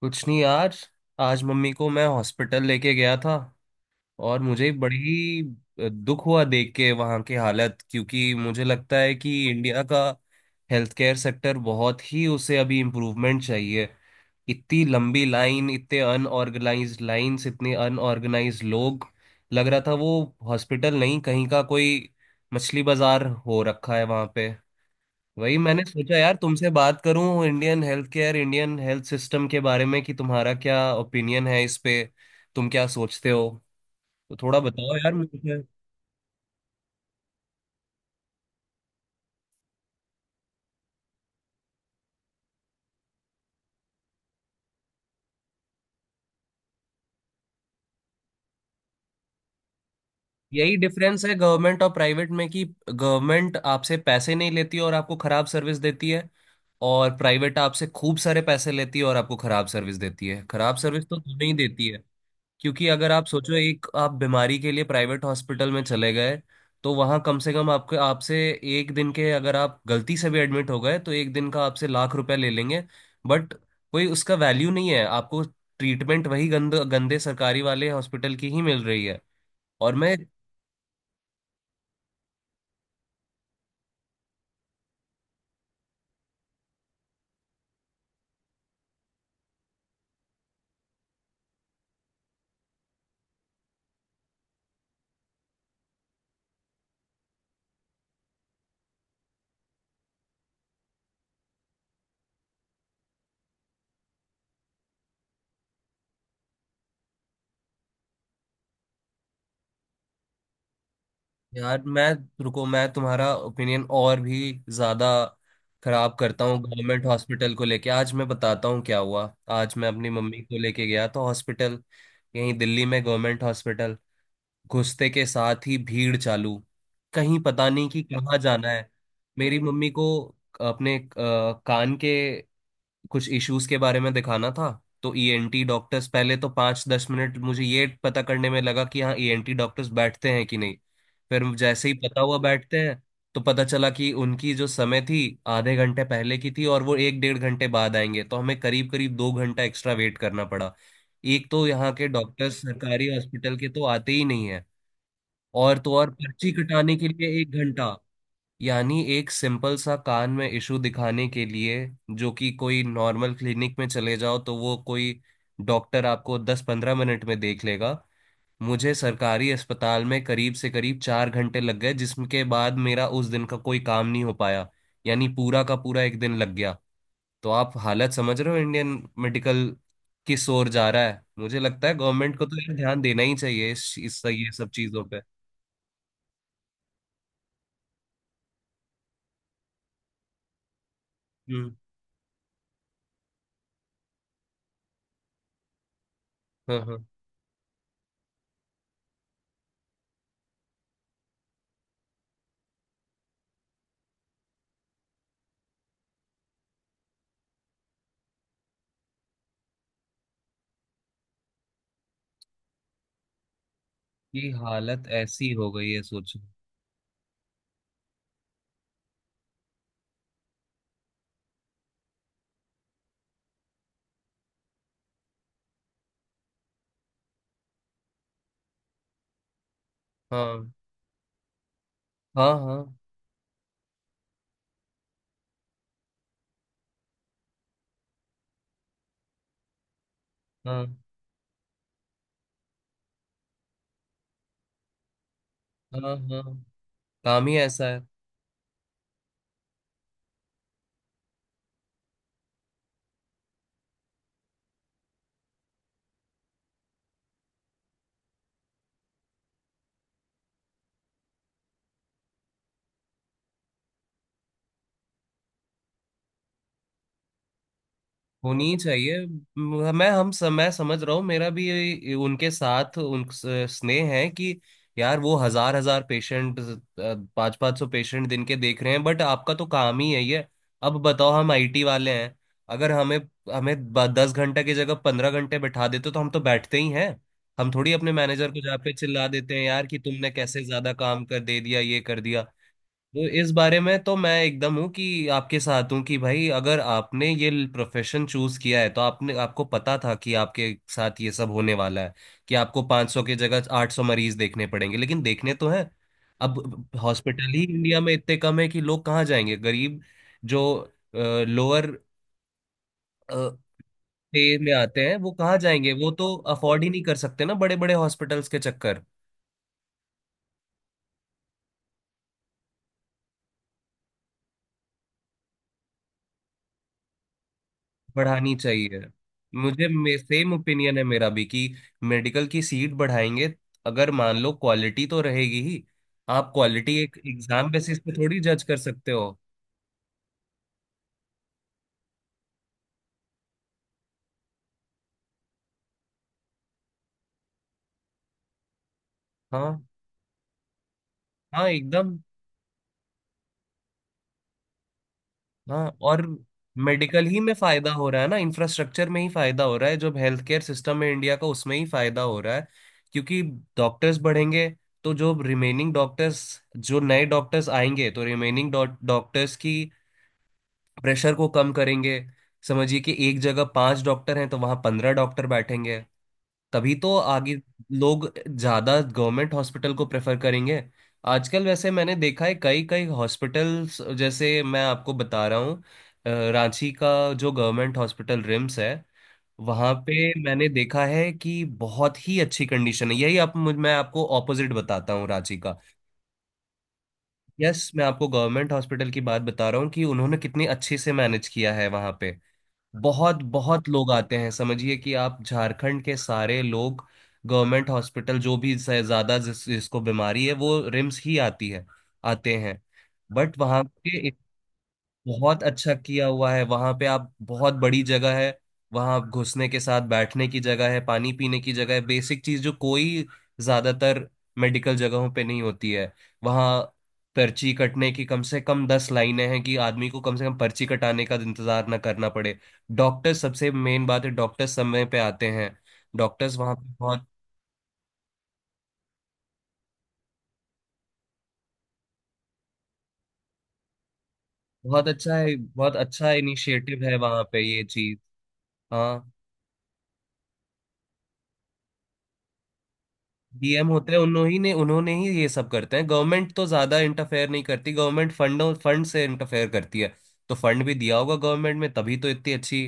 कुछ नहीं यार। आज मम्मी को मैं हॉस्पिटल लेके गया था और मुझे बड़ी दुख हुआ देख के वहाँ की हालत, क्योंकि मुझे लगता है कि इंडिया का हेल्थ केयर सेक्टर बहुत ही उसे अभी इम्प्रूवमेंट चाहिए। इतनी लंबी लाइन, इतने अनऑर्गेनाइज्ड लाइंस, इतने अनऑर्गेनाइज्ड लोग। लग रहा था वो हॉस्पिटल नहीं, कहीं का कोई मछली बाजार हो रखा है वहाँ पे। वही मैंने सोचा यार तुमसे बात करूं Indian health care, Indian health system के बारे में कि तुम्हारा क्या ओपिनियन है इस पे। तुम क्या सोचते हो? तो थोड़ा बताओ यार मुझे। यही डिफरेंस है गवर्नमेंट और प्राइवेट में कि गवर्नमेंट आपसे पैसे नहीं लेती और आपको खराब सर्विस देती है, और प्राइवेट आपसे खूब सारे पैसे लेती है और आपको खराब सर्विस देती है। खराब सर्विस तो तुम्हें ही देती है, क्योंकि अगर आप सोचो, एक आप बीमारी के लिए प्राइवेट हॉस्पिटल में चले गए तो वहां कम से कम आपके आपसे एक दिन के, अगर आप गलती से भी एडमिट हो गए, तो एक दिन का आपसे लाख रुपए ले लेंगे। बट कोई उसका वैल्यू नहीं है, आपको ट्रीटमेंट वही गंदे सरकारी वाले हॉस्पिटल की ही मिल रही है। और मैं यार मैं रुको, मैं तुम्हारा ओपिनियन और भी ज्यादा खराब करता हूँ गवर्नमेंट हॉस्पिटल को लेके, आज मैं बताता हूँ क्या हुआ। आज मैं अपनी मम्मी को लेके गया तो हॉस्पिटल, यहीं दिल्ली में गवर्नमेंट हॉस्पिटल। घुसते के साथ ही भीड़ चालू, कहीं पता नहीं कि कहाँ जाना है। मेरी मम्मी को अपने कान के कुछ इश्यूज के बारे में दिखाना था, तो ईएनटी डॉक्टर्स, पहले तो पाँच दस मिनट मुझे ये पता करने में लगा कि हाँ ईएनटी डॉक्टर्स बैठते हैं कि नहीं। फिर जैसे ही पता हुआ बैठते हैं तो पता चला कि उनकी जो समय थी, आधे घंटे पहले की थी और वो एक डेढ़ घंटे बाद आएंगे, तो हमें करीब करीब दो घंटा एक्स्ट्रा वेट करना पड़ा। एक तो यहाँ के डॉक्टर्स सरकारी हॉस्पिटल के तो आते ही नहीं है, और तो और पर्ची कटाने के लिए एक घंटा। यानी एक सिंपल सा कान में इशू दिखाने के लिए, जो कि कोई नॉर्मल क्लिनिक में चले जाओ तो वो कोई डॉक्टर आपको दस पंद्रह मिनट में देख लेगा, मुझे सरकारी अस्पताल में करीब से करीब चार घंटे लग गए, जिसके बाद मेरा उस दिन का कोई काम नहीं हो पाया, यानी पूरा का पूरा एक दिन लग गया। तो आप हालत समझ रहे हो इंडियन मेडिकल किस ओर जा रहा है। मुझे लगता है गवर्नमेंट को तो यार ध्यान देना ही चाहिए इस ये सब चीजों पे। हम्म। हाँ, हाँ। ये हालत ऐसी हो गई है सोच। हाँ, हाँ, हाँ। हाँ, हाँ, हाँ। काम ही ऐसा है। होनी ही चाहिए। मैं समझ रहा हूँ। मेरा भी उनके साथ उन स्नेह है कि यार वो हजार हजार पेशेंट, पाँच पाँच सौ पेशेंट दिन के देख रहे हैं, बट आपका तो काम ही है ये। अब बताओ, हम आईटी वाले हैं, अगर हमें हमें ब- दस घंटे की जगह पंद्रह घंटे बैठा देते तो हम तो बैठते ही हैं। हम थोड़ी अपने मैनेजर को जहाँ पे चिल्ला देते हैं यार कि तुमने कैसे ज्यादा काम कर दे दिया ये कर दिया। तो इस बारे में तो मैं एकदम हूँ कि आपके साथ हूँ कि भाई, अगर आपने ये प्रोफेशन चूज किया है तो आपने आपको पता था कि आपके साथ ये सब होने वाला है, कि आपको 500 की जगह 800 मरीज देखने पड़ेंगे, लेकिन देखने तो हैं। अब हॉस्पिटल ही इंडिया में इतने कम है कि लोग कहाँ जाएंगे, गरीब जो लोअर पे में आते हैं वो कहाँ जाएंगे, वो तो अफोर्ड ही नहीं कर सकते ना बड़े बड़े हॉस्पिटल्स के चक्कर। बढ़ानी चाहिए। मुझे सेम ओपिनियन है मेरा भी कि मेडिकल की सीट बढ़ाएंगे अगर, मान लो, क्वालिटी तो रहेगी ही। आप क्वालिटी एक एग्जाम बेसिस पे थोड़ी जज कर सकते हो। हाँ, हाँ एकदम। हाँ और मेडिकल ही में फायदा हो रहा है ना, इंफ्रास्ट्रक्चर में ही फायदा हो रहा है, जो हेल्थ केयर सिस्टम है इंडिया का उसमें ही फायदा हो रहा है, क्योंकि डॉक्टर्स बढ़ेंगे तो जो रिमेनिंग डॉक्टर्स, जो नए डॉक्टर्स आएंगे तो रिमेनिंग डॉक्टर्स की प्रेशर को कम करेंगे। समझिए कि एक जगह पांच डॉक्टर हैं तो वहां पंद्रह डॉक्टर बैठेंगे, तभी तो आगे लोग ज्यादा गवर्नमेंट हॉस्पिटल को प्रेफर करेंगे। आजकल वैसे मैंने देखा है कई कई हॉस्पिटल्स, जैसे मैं आपको बता रहा हूँ रांची का जो गवर्नमेंट हॉस्पिटल रिम्स है, वहां पे मैंने देखा है कि बहुत ही अच्छी कंडीशन है। यही आप मैं आपको ऑपोजिट बताता हूँ रांची का। यस, मैं आपको गवर्नमेंट हॉस्पिटल की बात बता रहा हूँ कि उन्होंने कितनी अच्छे से मैनेज किया है वहां पे। बहुत बहुत लोग आते हैं, समझिए कि आप झारखंड के सारे लोग गवर्नमेंट हॉस्पिटल जो भी जिसको बीमारी है वो रिम्स ही आती है, आते हैं। बट वहां पे बहुत अच्छा किया हुआ है वहां पे, आप, बहुत बड़ी जगह है। वहां आप घुसने के साथ बैठने की जगह है, पानी पीने की जगह है, बेसिक चीज जो कोई ज्यादातर मेडिकल जगहों पे नहीं होती है। वहां पर्ची कटने की कम से कम दस लाइनें हैं कि आदमी को कम से कम पर्ची कटाने का इंतजार ना करना पड़े। डॉक्टर सबसे मेन बात है, डॉक्टर समय पे आते हैं। डॉक्टर्स वहां पे बहुत बहुत अच्छा है, बहुत अच्छा इनिशिएटिव है वहां पे ये चीज। हाँ, डीएम होते हैं, उन्होंने ही ये सब करते हैं। गवर्नमेंट तो ज्यादा इंटरफेयर नहीं करती, गवर्नमेंट फंड से इंटरफेयर करती है, तो फंड भी दिया होगा गवर्नमेंट में तभी तो इतनी अच्छी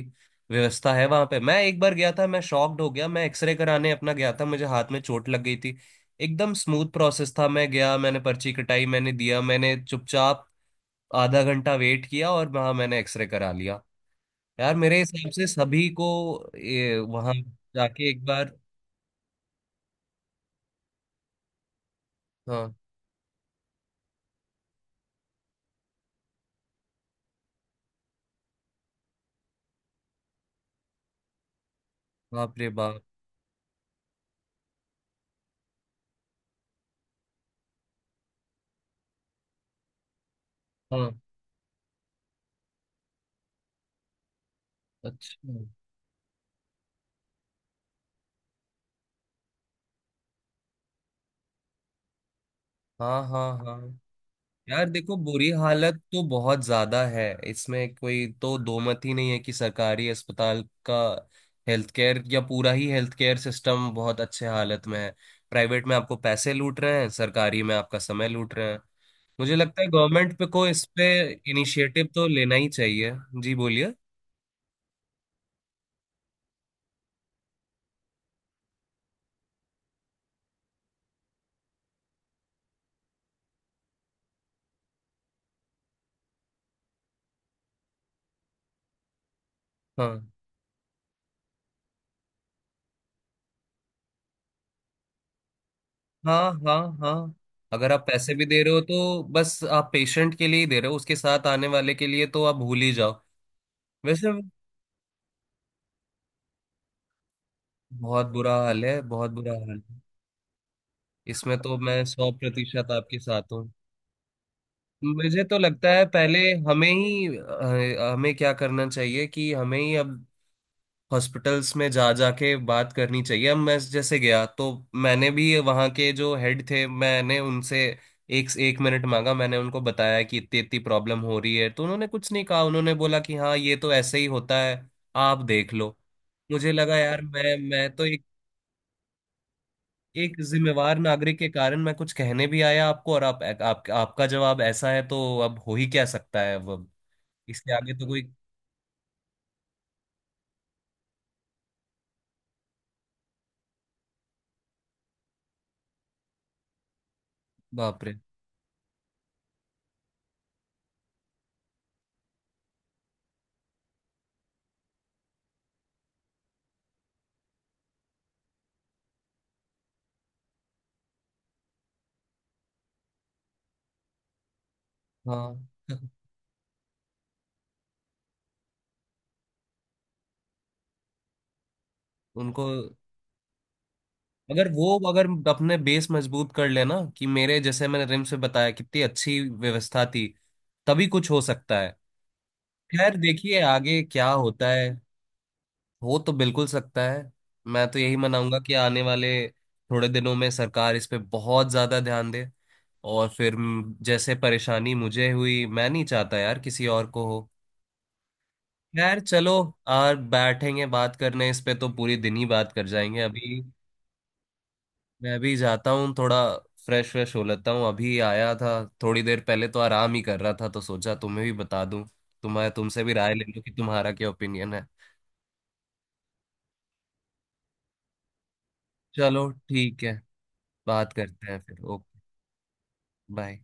व्यवस्था है वहां पे। मैं एक बार गया था, मैं शॉक्ड हो गया। मैं एक्सरे कराने अपना गया था, मुझे हाथ में चोट लग गई थी। एकदम स्मूथ प्रोसेस था, मैं गया, मैंने पर्ची कटाई, मैंने दिया, मैंने चुपचाप आधा घंटा वेट किया और वहां मैंने एक्सरे करा लिया। यार मेरे हिसाब से सभी को ये वहां जाके एक बार। हाँ। बाप रे बाप। हाँ। अच्छा। हाँ, हाँ, हाँ। यार देखो बुरी हालत तो बहुत ज्यादा है, इसमें कोई तो दो मत ही नहीं है कि सरकारी अस्पताल का हेल्थ केयर या पूरा ही हेल्थ केयर सिस्टम बहुत अच्छे हालत में है। प्राइवेट में आपको पैसे लूट रहे हैं, सरकारी में आपका समय लूट रहे हैं। मुझे लगता है गवर्नमेंट पे को इस पे इनिशिएटिव तो लेना ही चाहिए। जी, बोलिए। हाँ, हाँ, हाँ, हाँ। अगर आप पैसे भी दे रहे हो तो बस आप पेशेंट के लिए ही दे रहे हो, उसके साथ आने वाले के लिए तो आप भूल ही जाओ। वैसे बहुत बुरा हाल है, बहुत बुरा हाल है। इसमें तो मैं सौ प्रतिशत आपके साथ हूँ। मुझे तो लगता है पहले हमें ही हमें क्या करना चाहिए कि हमें ही अब हॉस्पिटल्स में जा जाके बात करनी चाहिए। अब मैं जैसे गया तो मैंने भी वहाँ के जो हेड थे, मैंने उनसे एक एक मिनट मांगा। मैंने उनको बताया कि इतनी इतनी प्रॉब्लम हो रही है तो उन्होंने कुछ नहीं कहा, उन्होंने बोला कि हाँ ये तो ऐसे ही होता है, आप देख लो। मुझे लगा यार मैं तो एक एक जिम्मेवार नागरिक के कारण मैं कुछ कहने भी आया आपको, और आप आपका जवाब ऐसा है तो अब हो ही क्या सकता है, अब इसके आगे तो कोई। बाप रे। हाँ। उनको, अगर वो अगर अपने बेस मजबूत कर लेना, कि मेरे जैसे मैंने रिम्स से बताया कितनी अच्छी व्यवस्था थी, तभी कुछ हो सकता है। खैर देखिए आगे क्या होता है, हो तो बिल्कुल सकता है। मैं तो यही मनाऊंगा कि आने वाले थोड़े दिनों में सरकार इस पे बहुत ज्यादा ध्यान दे, और फिर जैसे परेशानी मुझे हुई मैं नहीं चाहता यार किसी और को हो। खैर चलो, यार बैठेंगे बात करने इस पे तो पूरी दिन ही बात कर जाएंगे अभी। मैं भी जाता हूँ थोड़ा, फ्रेश फ्रेश हो लेता हूँ, अभी आया था थोड़ी देर पहले तो आराम ही कर रहा था तो सोचा तुम्हें भी बता दूं, तुम्हारे तुमसे भी राय ले लूं कि तुम्हारा क्या ओपिनियन है। चलो ठीक है, बात करते हैं फिर। ओके। बाय।